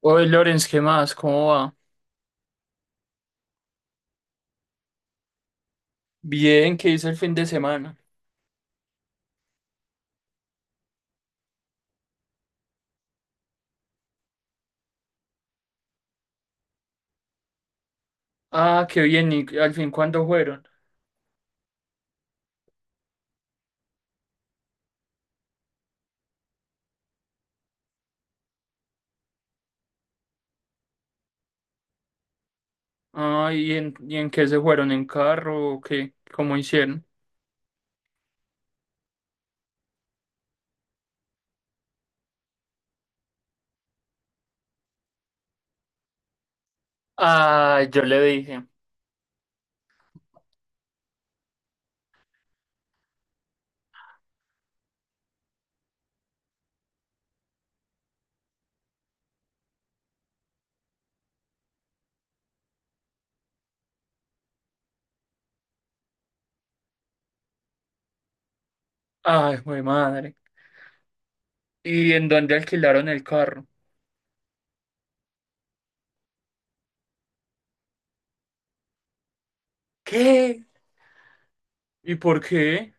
Oye, Lorenz, ¿qué más? ¿Cómo va? Bien, ¿qué hizo el fin de semana? Ah, qué bien, ¿y al fin cuándo fueron? Ah, ¿y en qué se fueron? ¿En carro o qué? ¿Cómo hicieron? Ah, yo le dije. Ay, güey, madre. ¿Y en dónde alquilaron el carro? ¿Qué? ¿Y por qué?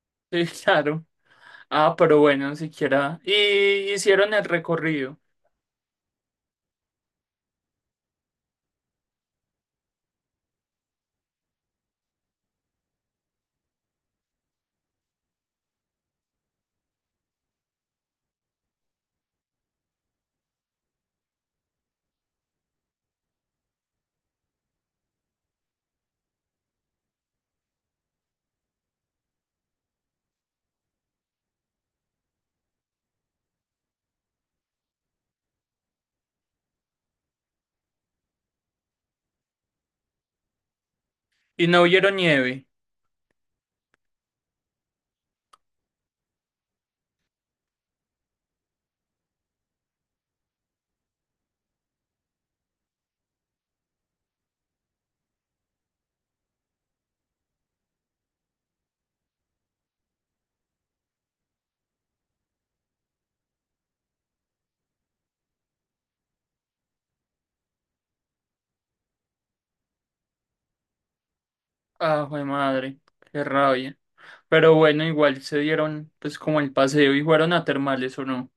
Sí, claro. Ah, pero bueno, siquiera. Y hicieron el recorrido. Y no vieron nieve. Ah, güey, madre. Qué rabia. Pero bueno, igual se dieron pues como el paseo y fueron a termales o no.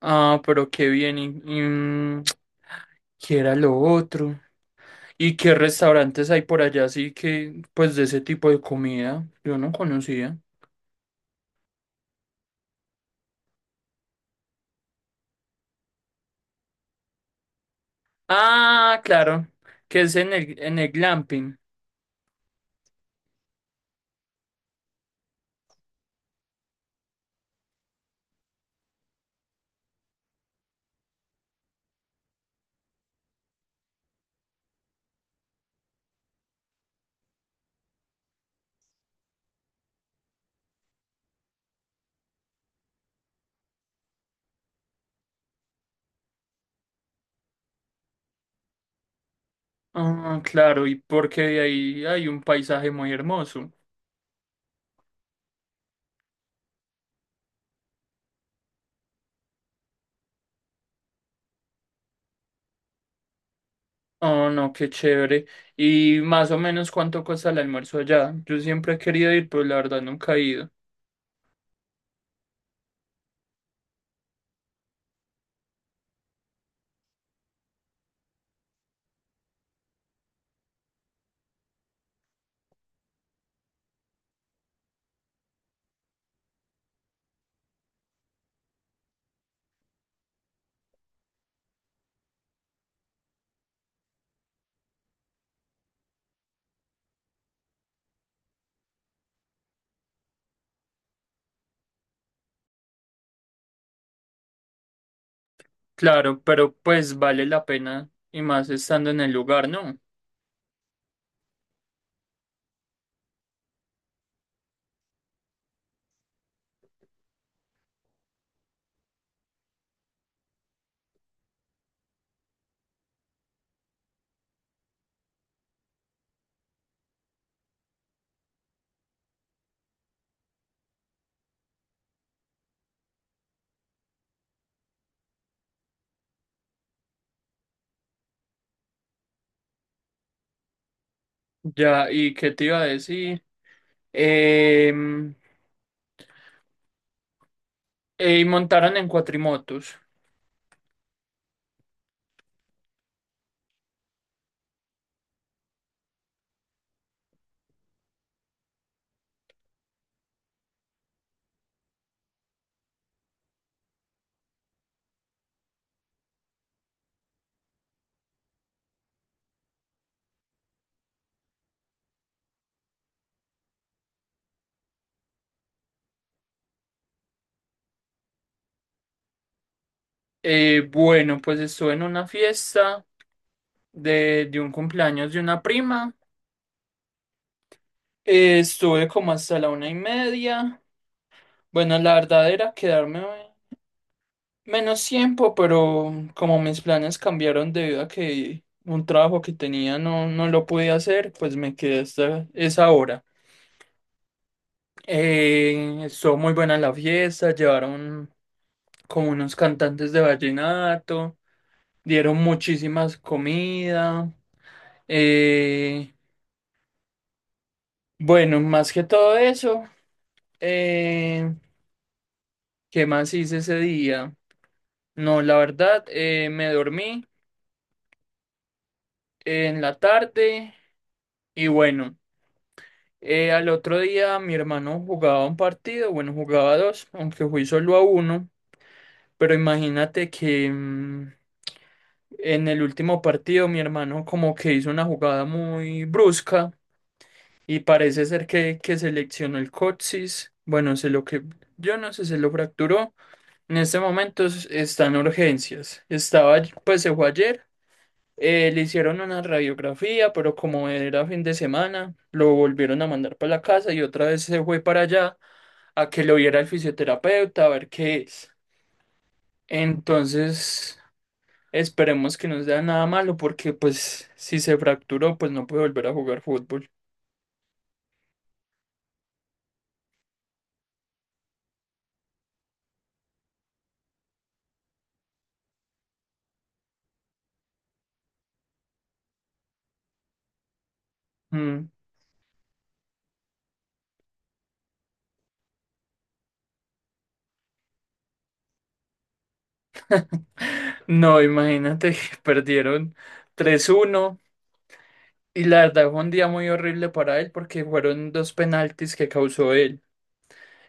Ah, pero qué bien. ¿Y, ¿qué era lo otro? ¿Y qué restaurantes hay por allá así que pues de ese tipo de comida? Yo no conocía. Ah, claro, que es en el glamping. Ah, claro, y porque de ahí hay un paisaje muy hermoso. Oh, no, qué chévere. ¿Y más o menos cuánto cuesta el almuerzo allá? Yo siempre he querido ir, pero la verdad nunca he ido. Claro, pero pues vale la pena y más estando en el lugar, ¿no? Ya, ¿y qué te iba a decir? Em, y montaron en cuatrimotos. Bueno, pues estuve en una fiesta de un cumpleaños de una prima. Estuve como hasta la 1:30. Bueno, la verdad era quedarme menos tiempo, pero como mis planes cambiaron debido a que un trabajo que tenía no, no lo pude hacer, pues me quedé hasta esa hora. Estuvo muy buena la fiesta, llevaron como unos cantantes de vallenato, dieron muchísimas comida. eh, bueno, más que todo eso, eh, ¿qué más hice ese día? No, la verdad, me dormí en la tarde y bueno, al otro día mi hermano jugaba un partido, bueno, jugaba dos, aunque fui solo a uno, pero imagínate que, en el último partido, mi hermano como que hizo una jugada muy brusca y parece ser que se leccionó el coxis. Bueno, se lo que yo no sé, se lo fracturó. En este momento está en urgencias. Estaba, pues se fue ayer. Le hicieron una radiografía, pero como era fin de semana, lo volvieron a mandar para la casa y otra vez se fue para allá a que lo viera el fisioterapeuta, a ver qué es. Entonces. Esperemos que no sea nada malo porque pues si se fracturó pues no puede volver a jugar fútbol. Mm. No, imagínate que perdieron 3-1 y la verdad fue un día muy horrible para él porque fueron dos penaltis que causó él.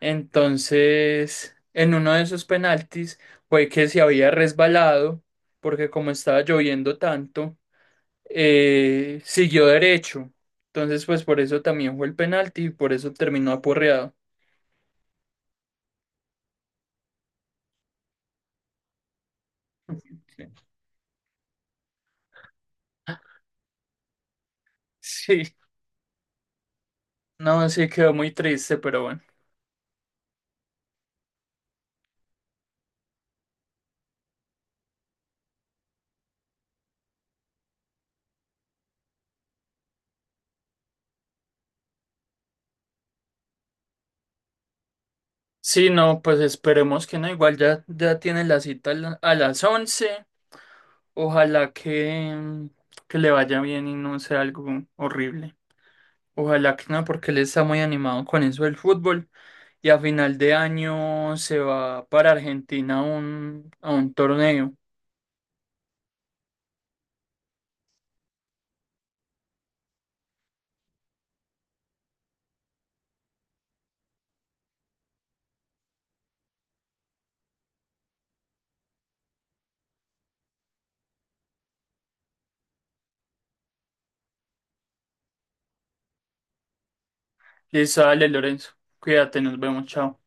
Entonces, en uno de esos penaltis fue que se había resbalado porque como estaba lloviendo tanto, siguió derecho. Entonces, pues por eso también fue el penalti y por eso terminó aporreado. Sí. No, sí quedó muy triste, pero bueno. Sí, no, pues esperemos que no. Igual ya, ya tiene la cita a a las 11. Ojalá que le vaya bien y no sea algo horrible. Ojalá que no, porque él está muy animado con eso del fútbol. Y a final de año se va para Argentina a un torneo. Y sale Lorenzo. Cuídate, nos vemos, chao.